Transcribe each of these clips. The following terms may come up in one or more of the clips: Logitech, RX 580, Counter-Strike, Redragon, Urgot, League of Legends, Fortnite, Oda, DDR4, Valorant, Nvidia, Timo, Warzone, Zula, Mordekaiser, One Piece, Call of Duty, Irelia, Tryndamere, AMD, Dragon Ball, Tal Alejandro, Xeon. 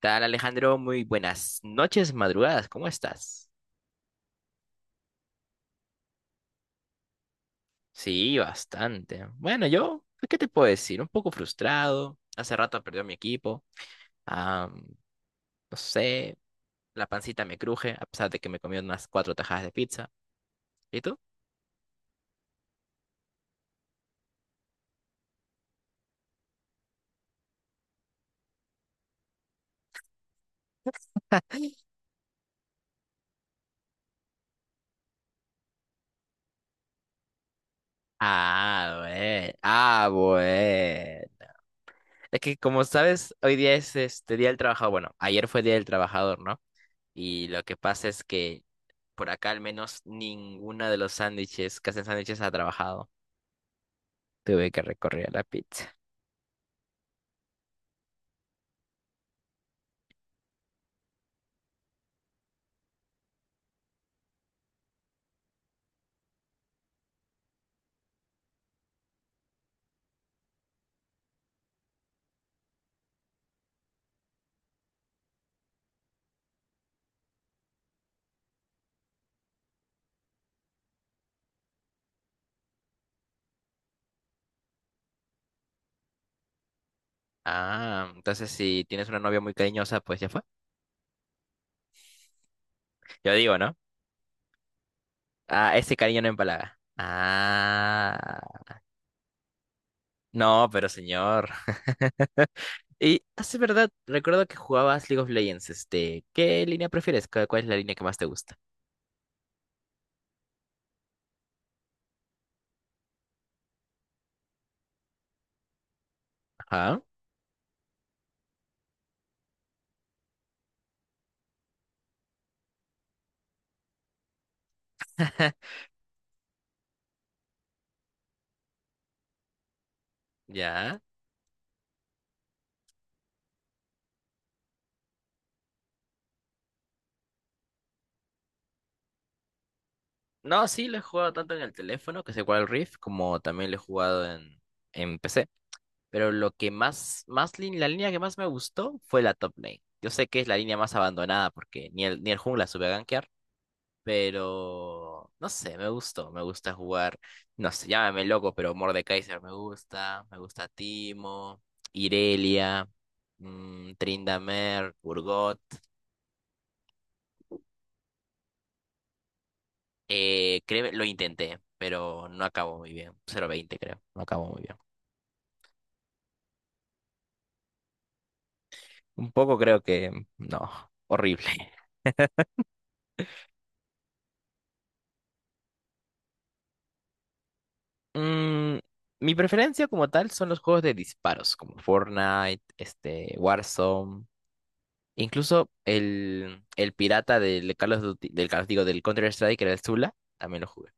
Tal Alejandro, muy buenas noches, madrugadas, ¿cómo estás? Sí, bastante. Bueno, yo, ¿qué te puedo decir? Un poco frustrado. Hace rato perdió mi equipo. Ah, no sé, la pancita me cruje, a pesar de que me comí unas cuatro tajadas de pizza. ¿Y tú? Ah, bueno. Ah, bueno. Es que como sabes, hoy día es este Día del Trabajador. Bueno, ayer fue Día del Trabajador, ¿no? Y lo que pasa es que por acá al menos ninguna de los sándwiches que hacen sándwiches ha trabajado. Tuve que recorrer a la pizza. Ah, entonces si tienes una novia muy cariñosa, pues ya fue. Yo digo, ¿no? Ah, ese cariño no empalaga. Ah, no, pero señor. Y hace verdad, recuerdo que jugabas League of Legends, este, ¿qué línea prefieres? ¿Cuál es la línea que más te gusta? Ajá. Ya. No, sí, lo he jugado tanto en el teléfono, que es igual al Rift, como también lo he jugado en PC. Pero lo que más la línea que más me gustó fue la top lane. Yo sé que es la línea más abandonada porque ni el jungla sube a gankear, pero no sé, me gustó, me gusta jugar, no sé, llámame loco, pero Mordekaiser me gusta Timo, Irelia, Tryndamere, Urgot. Créeme, lo intenté, pero no acabó muy bien. 0-20 creo, no acabó muy bien. Un poco creo que, no, horrible. Mm, Mi preferencia como tal son los juegos de disparos, como Fortnite, este, Warzone, incluso el pirata del Call of Duty- del Call- digo, del Counter-Strike, que era el Zula, también lo jugué.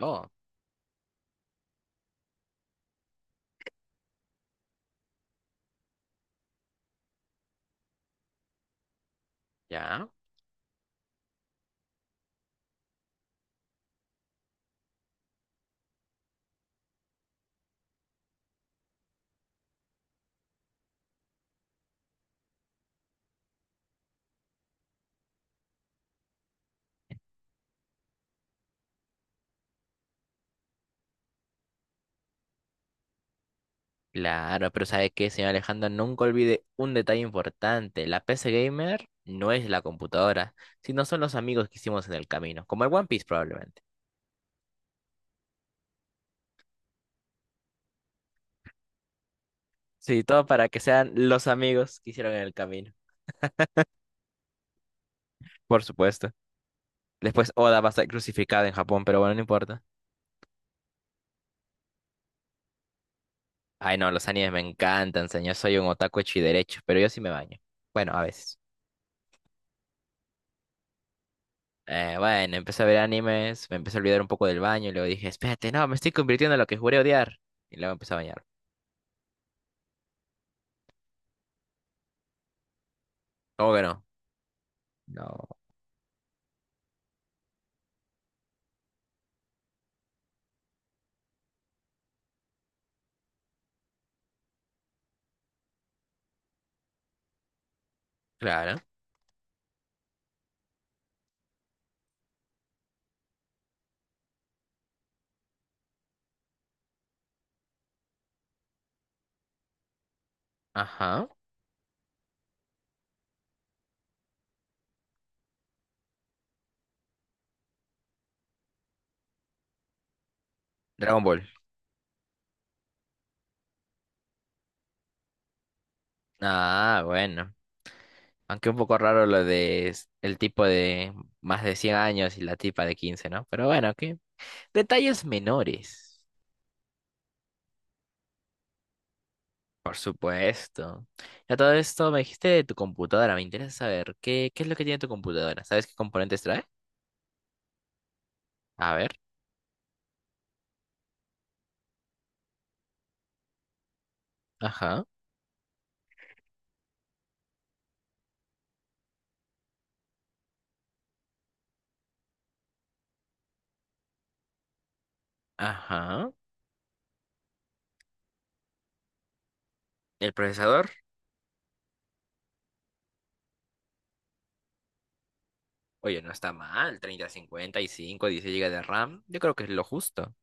Oh, ya. Claro, pero ¿sabe qué, señor Alejandro? Nunca olvide un detalle importante. La PC Gamer no es la computadora, sino son los amigos que hicimos en el camino, como el One Piece probablemente. Sí, todo para que sean los amigos que hicieron en el camino. Por supuesto. Después Oda va a ser crucificado en Japón, pero bueno, no importa. Ay, no, los animes me encantan, señor. Soy un otaku hecho y derecho, pero yo sí me baño. Bueno, a veces. Bueno, empecé a ver animes, me empecé a olvidar un poco del baño y luego dije, espérate, no, me estoy convirtiendo en lo que juré odiar. Y luego empecé a bañar. ¿Cómo que no? No. Claro. Ajá. Dragon Ball. Ah, bueno. Aunque un poco raro lo de el tipo de más de 100 años y la tipa de 15, ¿no? Pero bueno, ¿qué? Detalles menores. Por supuesto. Ya todo esto me dijiste de tu computadora. Me interesa saber qué es lo que tiene tu computadora. ¿Sabes qué componentes trae? A ver. Ajá. Ajá. El procesador. Oye, no está mal. Treinta cincuenta y cinco, 16 gigas de RAM. Yo creo que es lo justo.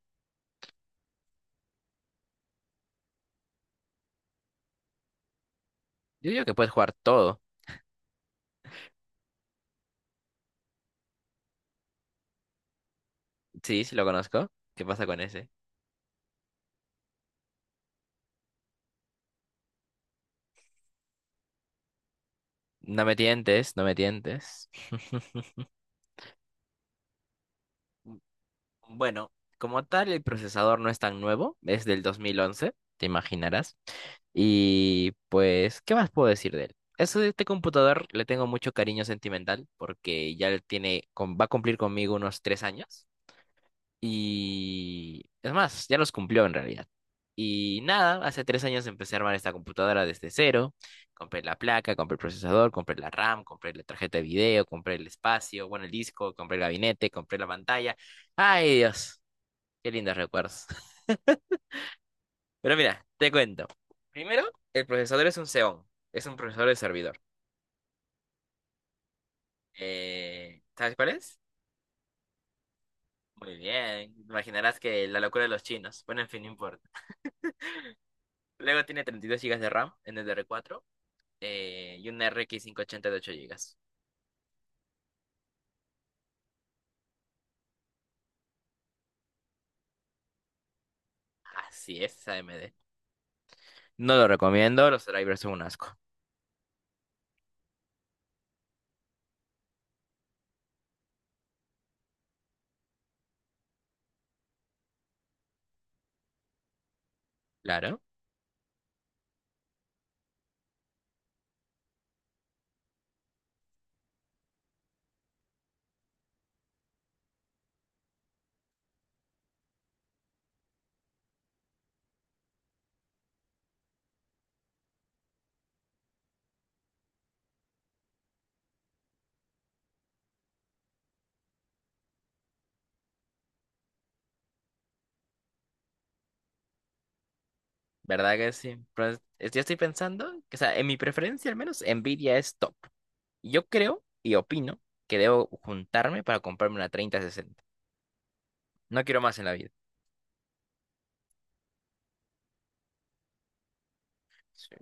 Yo digo que puedes jugar todo. Sí, sí lo conozco. ¿Qué pasa con ese? No me tientes, no me tientes. Bueno, como tal, el procesador no es tan nuevo, es del 2011, te imaginarás. Y pues, ¿qué más puedo decir de él? Eso de este computador le tengo mucho cariño sentimental porque ya le tiene, va a cumplir conmigo unos 3 años. Y es más, ya los cumplió en realidad. Y nada, hace 3 años empecé a armar esta computadora desde cero. Compré la placa, compré el procesador, compré la RAM, compré la tarjeta de video, compré el espacio, bueno, el disco, compré el gabinete, compré la pantalla. Ay, Dios. Qué lindos recuerdos. Pero mira, te cuento. Primero, el procesador es un Xeon. Es un procesador de servidor. ¿Sabes cuál es? Muy bien. Imaginarás que la locura de los chinos. Bueno, en fin, no importa. Luego tiene 32 gigas de RAM en DDR4 y una RX 580 de 8 gigas. Así es, AMD. No lo recomiendo, los drivers son un asco. Claro, ¿verdad que sí? Pues, yo estoy pensando que, o sea, en mi preferencia al menos, Nvidia es top. Yo creo y opino que debo juntarme para comprarme una 3060. No quiero más en la vida. Sí.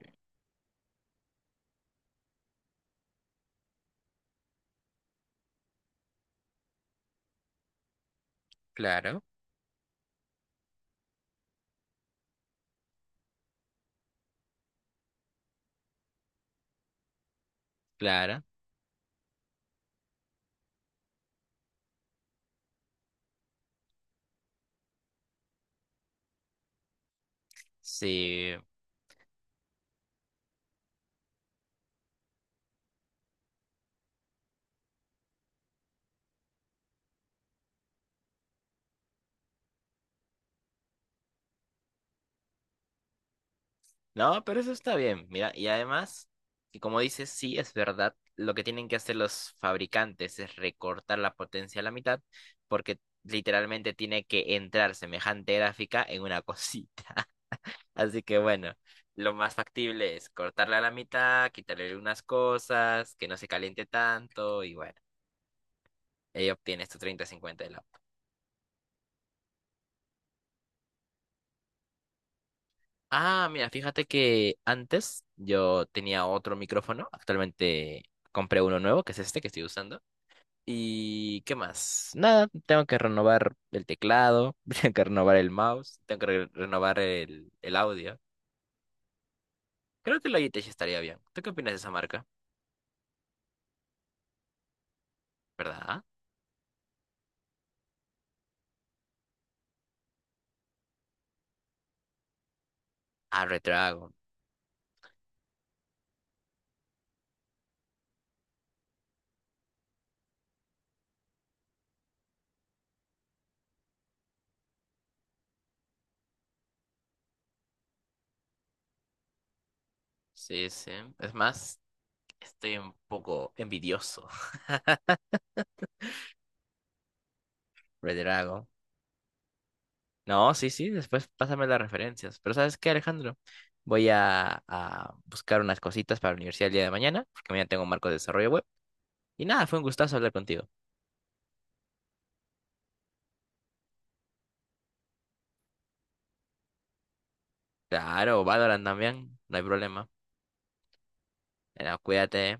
Claro, claro. Sí. No, pero eso está bien. Mira, y además, y como dices, sí, es verdad. Lo que tienen que hacer los fabricantes es recortar la potencia a la mitad, porque literalmente tiene que entrar semejante gráfica en una cosita. Así que bueno, lo más factible es cortarla a la mitad, quitarle unas cosas, que no se caliente tanto, y bueno. Ahí obtienes tu 3050 de la... Ah, mira, fíjate que antes yo tenía otro micrófono, actualmente compré uno nuevo, que es este que estoy usando. ¿Y qué más? Nada, tengo que renovar el teclado, tengo que renovar el mouse, tengo que renovar el audio. Creo que Logitech estaría bien. ¿Tú qué opinas de esa marca? ¿Verdad? Ah, Redragon. Sí, sí. Es más, estoy un poco envidioso. Redragon. No, sí, sí, después pásame las referencias. Pero ¿sabes qué, Alejandro? Voy a buscar unas cositas para la universidad el día de mañana, porque mañana tengo un marco de desarrollo web. Y nada, fue un gustazo hablar contigo. Claro, Valorant también, no hay problema. Bueno, cuídate, ¿eh?